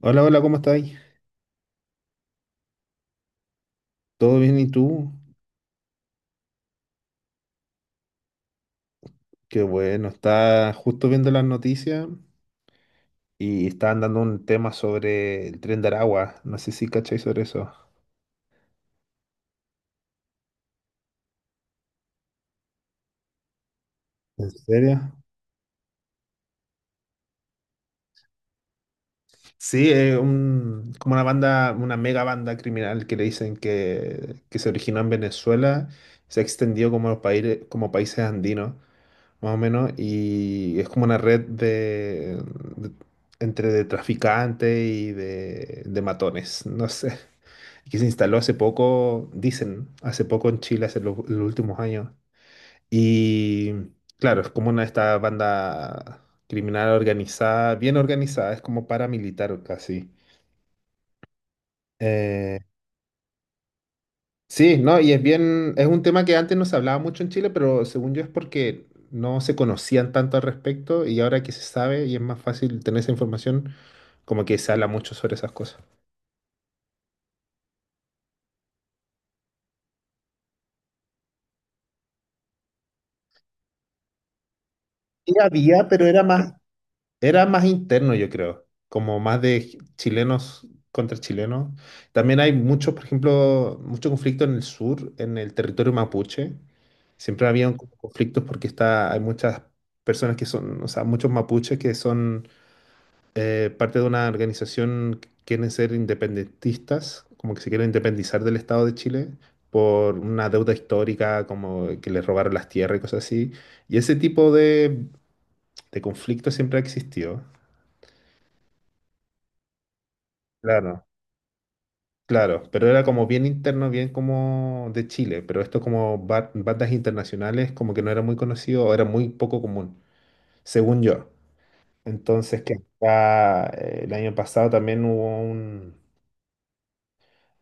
Hola, hola, ¿cómo estáis? ¿Todo bien y tú? Qué bueno, estaba justo viendo las noticias y estaban dando un tema sobre el tren de Aragua. No sé si cacháis sobre eso. ¿En serio? Sí, es un, como una banda, una mega banda criminal que le dicen que se originó en Venezuela, se extendió como los países, como países andinos, más o menos, y es como una red de- entre de traficantes y de matones, no sé. Que se instaló hace poco, dicen, ¿no? hace poco en Chile, hace los últimos años. Y claro, es como una esta banda criminal organizada, bien organizada, es como paramilitar casi. Eh, sí, ¿no? Y es bien, es un tema que antes no se hablaba mucho en Chile, pero según yo es porque no se conocían tanto al respecto y ahora que se sabe y es más fácil tener esa información, como que se habla mucho sobre esas cosas. Sí había, pero era más. Era más interno, yo creo, como más de chilenos contra chilenos. También hay mucho, por ejemplo, mucho conflicto en el sur, en el territorio mapuche. Siempre había conflictos porque está, hay muchas personas que son, o sea, muchos mapuches que son parte de una organización que quieren ser independentistas, como que se quieren independizar del Estado de Chile por una deuda histórica, como que les robaron las tierras y cosas así. Y ese tipo de conflicto siempre ha existido. Claro. Claro, pero era como bien interno, bien como de Chile, pero esto como bandas internacionales como que no era muy conocido o era muy poco común, según yo. Entonces que acá el año pasado también hubo un...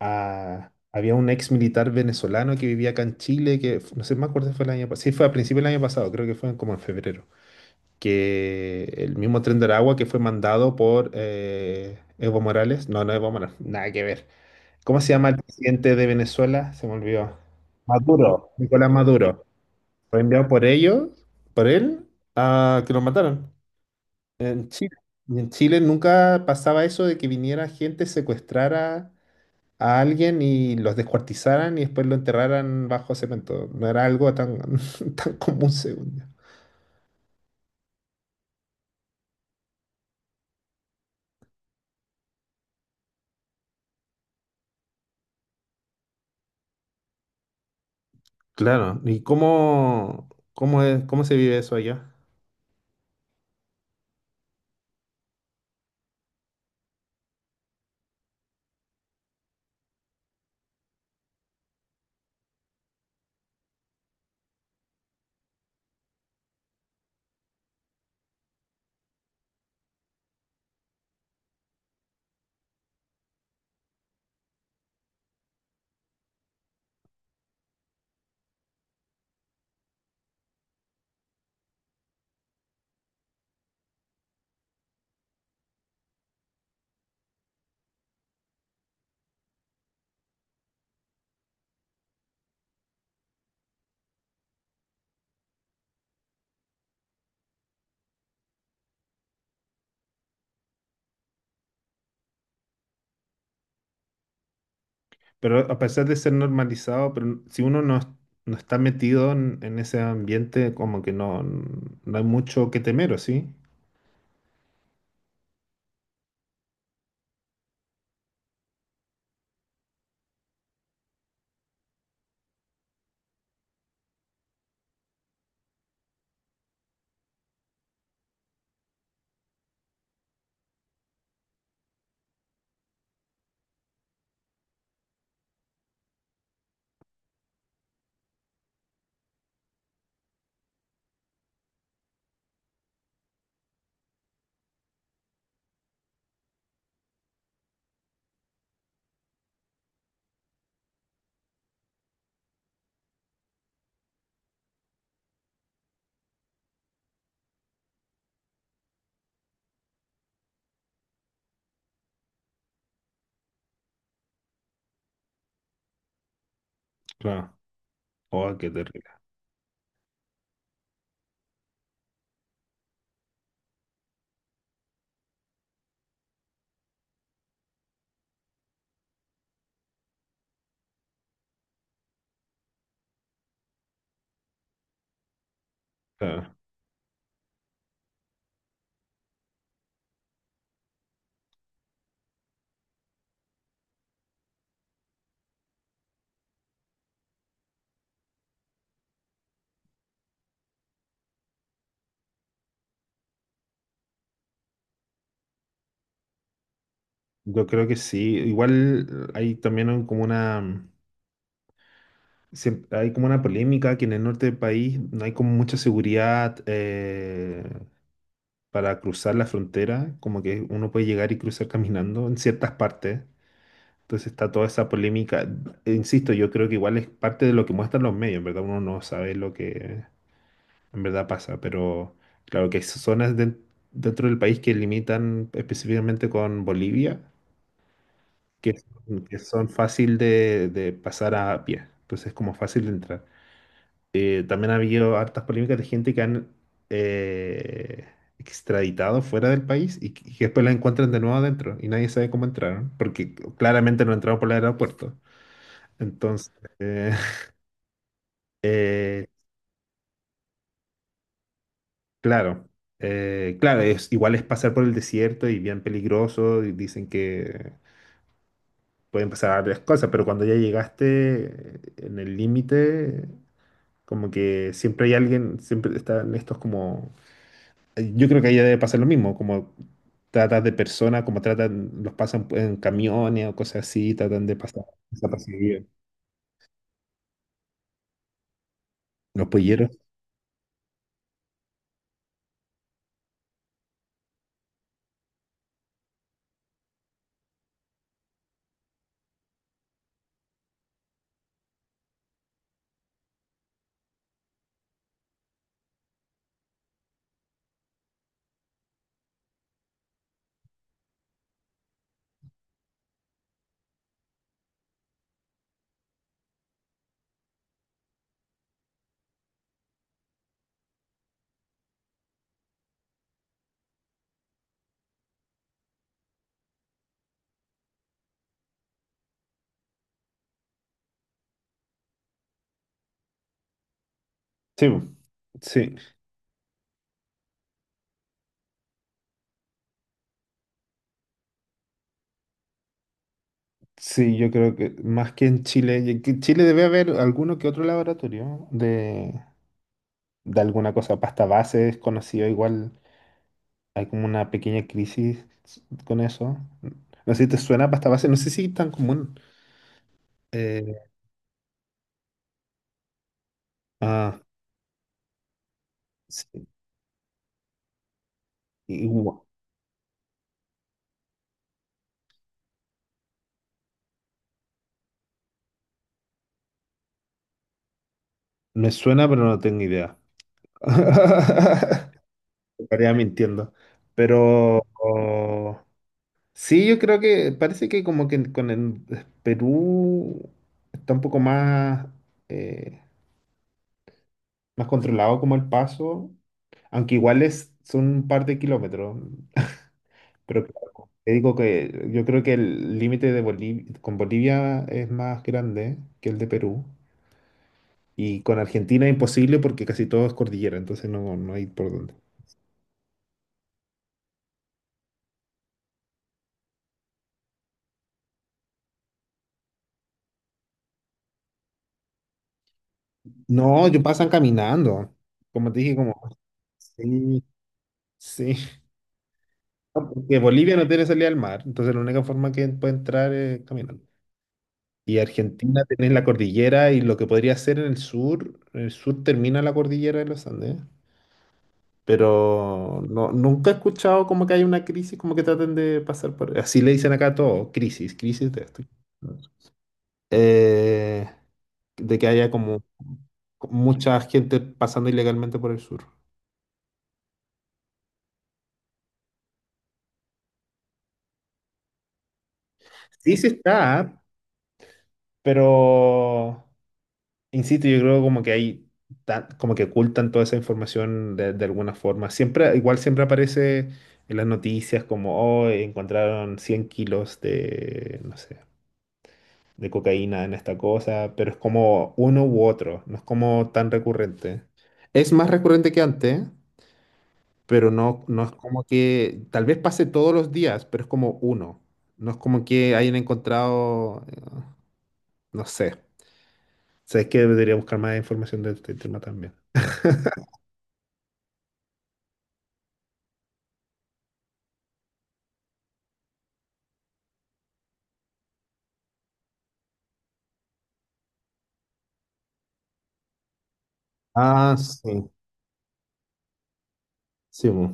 Ah, había un ex militar venezolano que vivía acá en Chile, que no sé, me acuerdo si fue el año pasado, sí fue a principios del año pasado, creo que fue como en febrero, que el mismo Tren de Aragua que fue mandado por Evo Morales, no, no Evo Morales, nada que ver. ¿Cómo se llama el presidente de Venezuela? Se me olvidó. Maduro. Nicolás Maduro. Fue enviado por ellos, por él, a que lo mataron en Chile. Y en Chile nunca pasaba eso de que viniera gente, secuestrara a alguien y los descuartizaran y después lo enterraran bajo cemento. No era algo tan, tan común, según yo. Claro. ¿Y cómo, cómo es, cómo se vive eso allá? Pero a pesar de ser normalizado, pero si uno no, no está metido en ese ambiente, como que no, no hay mucho que temer, ¿o sí? Claro. Oh, qué terrible. Claro. Yo creo que sí. Igual hay también como una, hay como una polémica que en el norte del país no hay como mucha seguridad para cruzar la frontera, como que uno puede llegar y cruzar caminando en ciertas partes. Entonces está toda esa polémica. Insisto, yo creo que igual es parte de lo que muestran los medios, en verdad uno no sabe lo que en verdad pasa, pero claro que hay zonas dentro del país que limitan específicamente con Bolivia, que, que son fácil de pasar a pie, entonces es como fácil de entrar. También ha habido hartas polémicas de gente que han eh, extraditado fuera del país y que después la encuentran de nuevo adentro y nadie sabe cómo entraron, porque claramente no entraron por el aeropuerto. Entonces, eh, eh, claro, claro, es, igual es pasar por el desierto y bien peligroso, y dicen que pueden pasar varias cosas, pero cuando ya llegaste en el límite, como que siempre hay alguien, siempre están estos como, yo creo que ahí debe pasar lo mismo, como tratas de personas, como tratan, los pasan en camiones o cosas así, tratan de pasar desapercibidos. Los polleros. Sí, sí. Sí, yo creo que más que en Chile, y que en Chile debe haber alguno que otro laboratorio de alguna cosa, pasta base es conocido, igual hay como una pequeña crisis con eso. No sé si te suena pasta base, no sé si es tan común. Eh, ah, sí, igua- me suena, pero no tengo idea. Estaría mintiendo. Pero, sí, yo creo que parece que como que con el Perú está un poco más, eh, más controlado como el paso, aunque igual es, son un par de kilómetros. Pero claro, te digo que yo creo que el límite de Bolivia, con Bolivia es más grande que el de Perú. Y con Argentina es imposible porque casi todo es cordillera, entonces no, no hay por dónde. No, yo pasan caminando. Como te dije, como sí, sí. No, porque Bolivia no tiene salida al mar, entonces la única forma que puede entrar es caminando. Y Argentina tiene la cordillera y lo que podría ser en el sur termina la cordillera de los Andes, pero no, nunca he escuchado como que hay una crisis, como que traten de pasar por... Así le dicen acá a todo, crisis, crisis de esto. Eh, de que haya como mucha gente pasando ilegalmente por el sur. Sí, sí está, pero... Insisto, yo creo como que hay, como que ocultan toda esa información de alguna forma. Siempre, igual siempre aparece en las noticias como, oh, encontraron 100 kilos de, no sé, de cocaína en esta cosa, pero es como uno u otro, no es como tan recurrente. Es más recurrente que antes, pero no, no es como que, tal vez pase todos los días, pero es como uno. No es como que hayan encontrado, no sé. O sea, es que debería buscar más información de este tema también. Ah, sí, sí. Mo.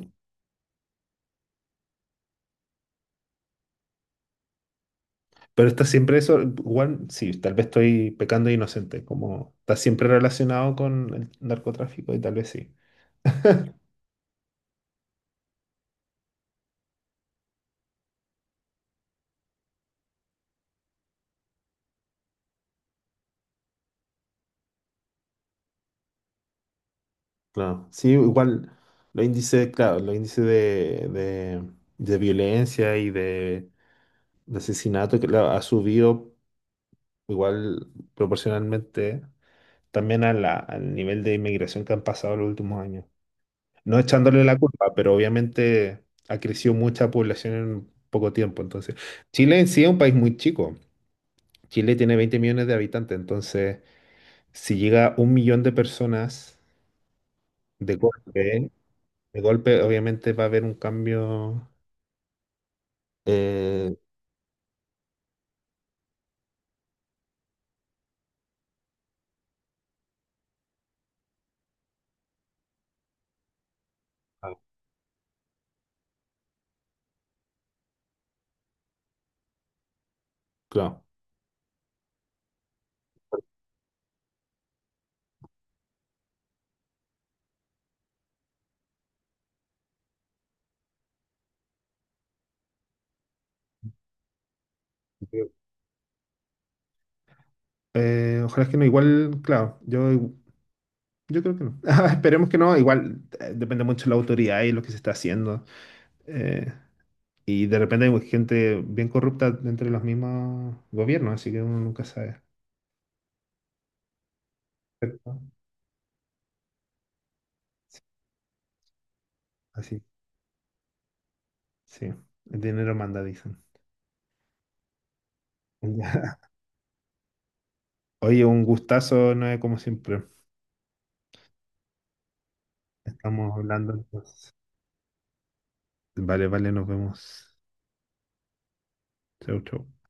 Pero está siempre eso, igual, sí, tal vez estoy pecando de inocente, como está siempre relacionado con el narcotráfico y tal vez sí. Claro, sí, igual los índices, claro, los índices de violencia y de asesinato que claro, ha subido igual proporcionalmente también a al nivel de inmigración que han pasado los últimos años. No echándole la culpa, pero obviamente ha crecido mucha población en poco tiempo. Entonces, Chile en sí es un país muy chico. Chile tiene 20 millones de habitantes. Entonces, si llega 1 millón de personas de golpe, de golpe, obviamente va a haber un cambio. eh, ah, claro. Ojalá que no, igual, claro, yo creo que no. Esperemos que no, igual depende mucho de la autoridad y lo que se está haciendo. Eh, Y de repente hay gente bien corrupta dentro de los mismos gobiernos, así que uno nunca sabe. ¿Cierto? Así, sí. El dinero manda, dicen. Ya. Oye, un gustazo, no es como siempre. Estamos hablando entonces. Vale, vale, nos vemos. Chau, chau.